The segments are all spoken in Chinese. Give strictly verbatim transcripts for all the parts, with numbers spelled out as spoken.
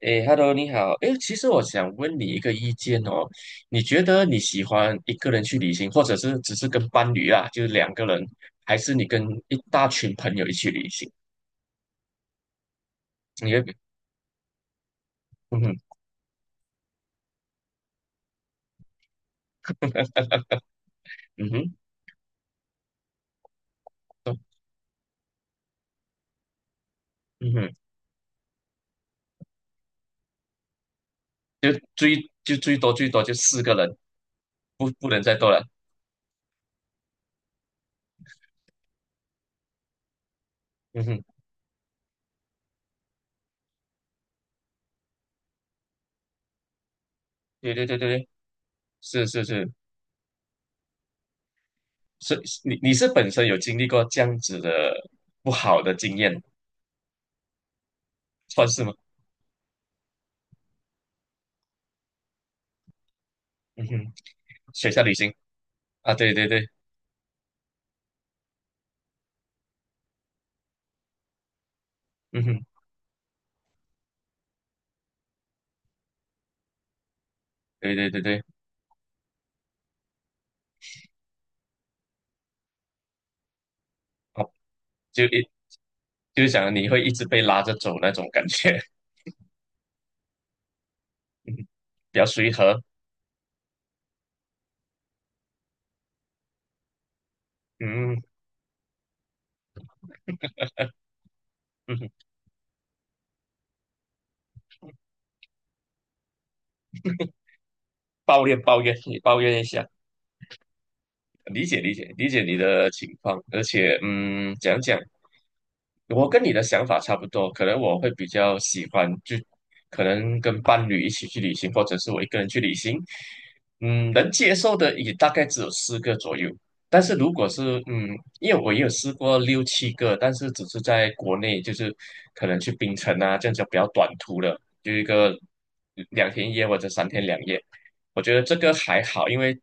诶，Hello，你好。诶，其实我想问你一个意见哦，你觉得你喜欢一个人去旅行，或者是只是跟伴侣啊，就是两个人，还是你跟一大群朋友一起旅行？你会，嗯哼，嗯哼，嗯哼，就最就最多最多就四个人，不不能再多了。嗯哼，对对对对对，是是是，是你你是本身有经历过这样子的不好的经验，算是吗？嗯哼，学校旅行啊，对对对，嗯哼，对对对对。好，就一就是想你会一直被拉着走那种感觉，嗯，比较随和，嗯嗯，嗯抱怨抱怨，你抱怨一下，理解理解理解你的情况，而且嗯，讲讲我跟你的想法差不多，可能我会比较喜欢，就可能跟伴侣一起去旅行，或者是我一个人去旅行。嗯，能接受的也大概只有四个左右。但是如果是嗯，因为我也有试过六七个，但是只是在国内，就是可能去槟城啊这样子比较短途的，就一个两天一夜或者三天两夜。我觉得这个还好，因为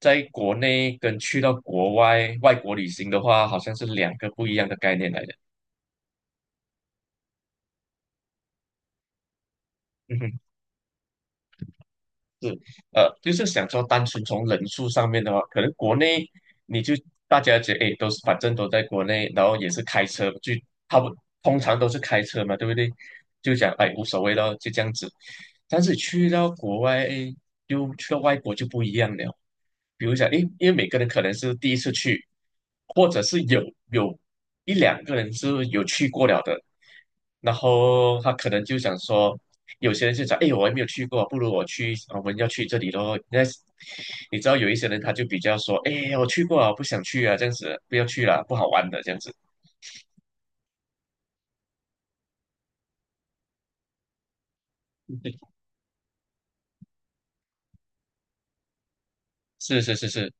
在国内跟去到国外外国旅行的话，好像是两个不一样的概念来的。嗯哼，是，呃，就是想说，单纯从人数上面的话，可能国内你就大家觉得，哎，都是反正都在国内，然后也是开车，就他不通常都是开车嘛，对不对？就讲哎无所谓咯，就这样子。但是去到国外，哎，就去到外国就不一样了。比如讲，哎，因为每个人可能是第一次去，或者是有有一两个人是有去过了的，然后他可能就想说。有些人就讲，哎，我还没有去过，不如我去，我们要去这里咯。那你知道有一些人他就比较说，哎，我去过啊，不想去啊，这样子不要去了，不好玩的这样子。是是是是，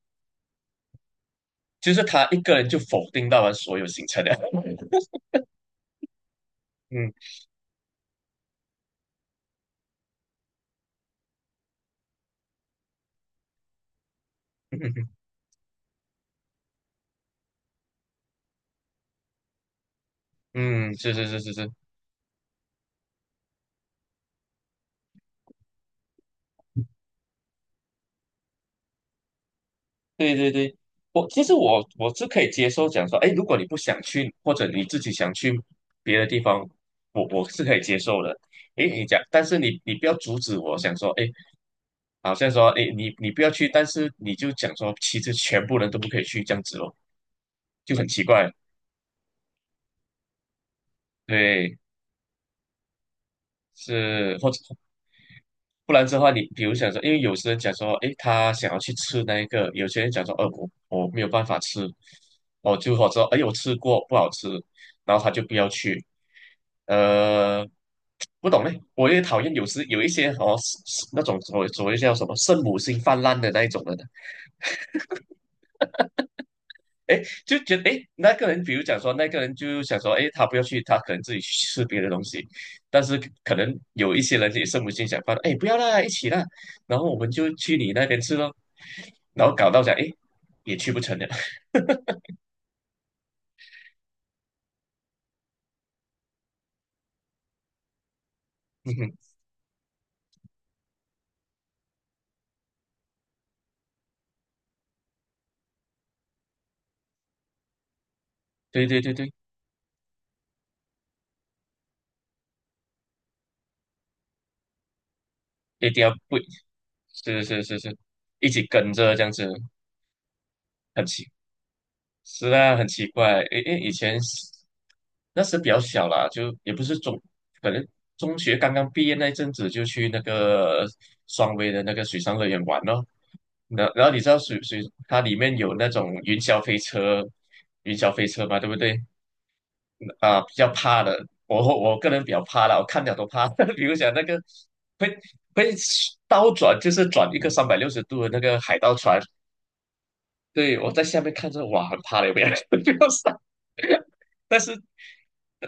就是他一个人就否定到了所有行程了。嗯嗯嗯，是是是是是，对对对，我其实我我是可以接受讲说，哎，如果你不想去，或者你自己想去别的地方，我我是可以接受的。哎，你讲，但是你你不要阻止我，想说，哎，好像说，哎，你你不要去，但是你就讲说，其实全部人都不可以去这样子咯，就很奇怪。对，是或者不然的话，你比如想说，因为有些人讲说，诶，他想要去吃那一个，有些人讲说，呃，我我没有办法吃，哦，就好者说，哎，我吃过不好吃，然后他就不要去。呃，不懂嘞，我也讨厌有时有一些哦，是是那种所谓所谓叫什么圣母心泛滥的那一种人的，就觉得诶，那个人比如讲说，那个人就想说，诶，他不要去，他可能自己去吃别的东西，但是可能有一些人也圣母心想泛滥，诶，不要啦，一起啦，然后我们就去你那边吃咯。然后搞到讲，哎，也去不成了。对对对对，一定要不，是是是是，一起跟着这样子，很奇，是啊，很奇怪。诶诶，以前那时比较小啦，就也不是中，可能中学刚刚毕业那一阵子就去那个双威的那个水上乐园玩咯。然然后你知道水水它里面有那种云霄飞车，云霄飞车嘛，对不对？啊、比较怕的，我我个人比较怕啦，我看了都怕。比如讲那个会会倒转，就是转一个三百六十度的那个海盗船，对我在下面看着，哇，很怕的，不要 不要上。但是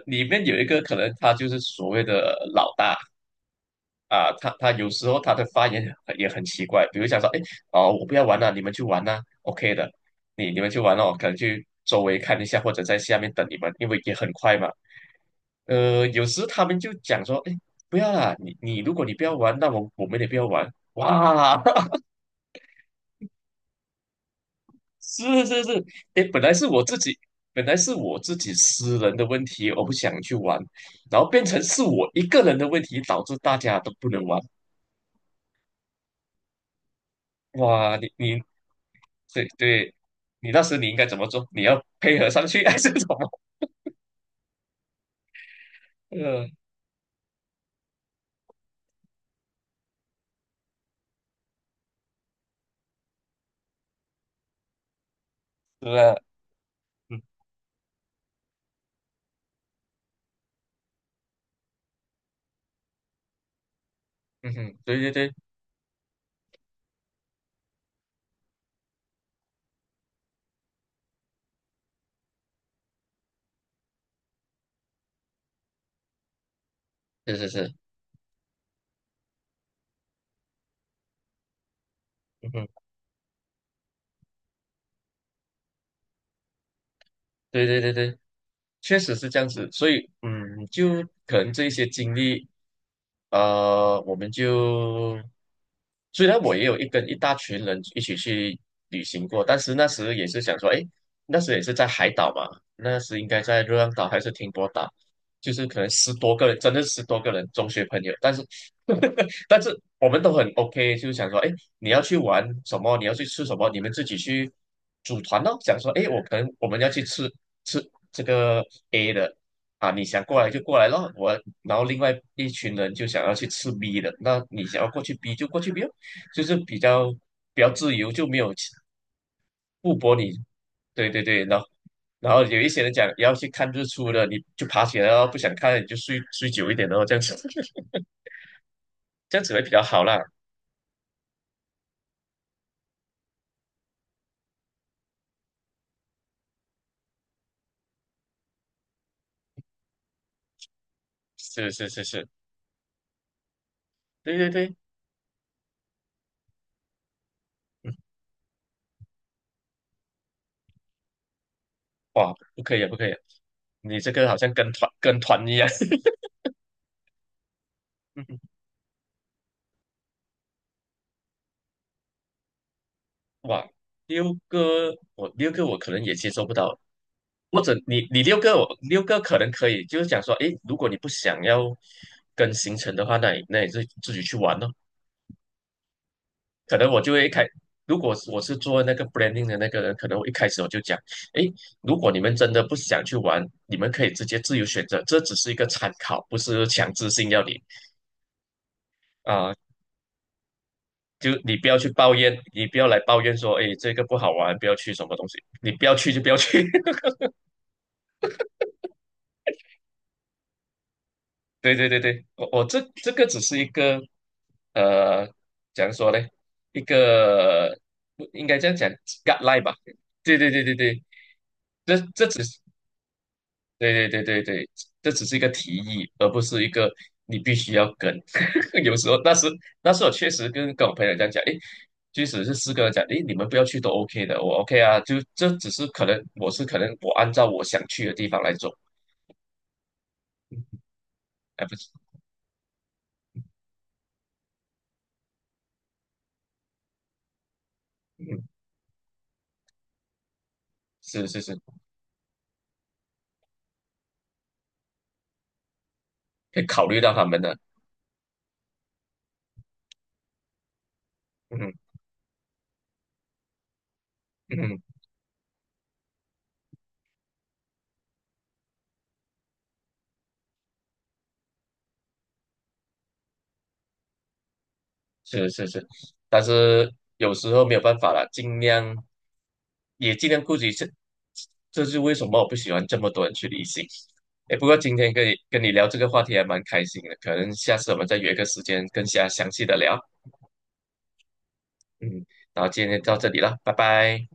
里面有一个可能，他就是所谓的老大啊，他他有时候他的发言也很奇怪，比如讲说，哎，哦，我不要玩了，你们去玩呐，OK 的，你你们去玩了，我可能去周围看一下，或者在下面等你们，因为也很快嘛。呃，有时他们就讲说，哎，不要啦，你你如果你不要玩，那我我们也不要玩。哇，是是是，哎，本来是我自己，本来是我自己私人的问题，我不想去玩，然后变成是我一个人的问题，导致大家都不能玩。哇，你你对对，你那时你应该怎么做？你要配合上去 还是什么？呃，是啊，嗯嗯哼，对对对，是是是，嗯哼。对对对对，确实是这样子，所以嗯，就可能这一些经历，呃，我们就虽然我也有一跟一大群人一起去旅行过，但是那时也是想说，哎，那时也是在海岛嘛，那时应该在热浪岛还是停泊岛，就是可能十多个人，真的十多个人中学朋友，但是 但是我们都很 OK，就想说，哎。你要去玩什么，你要去吃什么，你们自己去组团咯。想说，哎，我可能我们要去吃吃这个 A 的啊，你想过来就过来咯。我然后另外一群人就想要去吃 B 的，那你想要过去 B 就过去 B 咯，就是比较比较自由，就没有不驳你。对对对，然后然后有一些人讲要去看日出的，你就爬起来哦，不想看你就睡睡久一点哦，这样子 这样子会比较好啦。是是是是，对对对。哇，不可以啊不可以啊你这个好像跟团跟团一样。嗯哇，六个我六个我可能也接受不到，或者你你六个我六个可能可以，就是讲说，诶，如果你不想要跟行程的话，那你那你自自己去玩咯。可能我就会开，如果是我是做那个 branding 的那个人，可能我一开始我就讲，诶，如果你们真的不想去玩，你们可以直接自由选择，这只是一个参考，不是强制性要你啊、就你不要去抱怨，你不要来抱怨说，哎，这个不好玩，不要去什么东西，你不要去就不要去。对对对对，我我这这个只是一个，呃，怎样说呢？一个不应该这样讲 guideline 吧？对对对对对，这这只是。对对对对对，这只是一个提议，而不是一个你必须要跟。有时候，那时那时候确实跟跟我朋友这样讲，诶，即使是四个人讲，诶，你们不要去都 OK 的，我 OK 啊，就这只是可能我是可能我按照我想去的地方来走，哎，不是，嗯，是是是，可以考虑到他们的，嗯嗯。是是是，但是有时候没有办法了，尽量也尽量顾及这，这是为什么我不喜欢这么多人去旅行。哎，不过今天跟你跟你聊这个话题还蛮开心的，可能下次我们再约个时间更加详细的聊。嗯，然后今天到这里了，拜拜。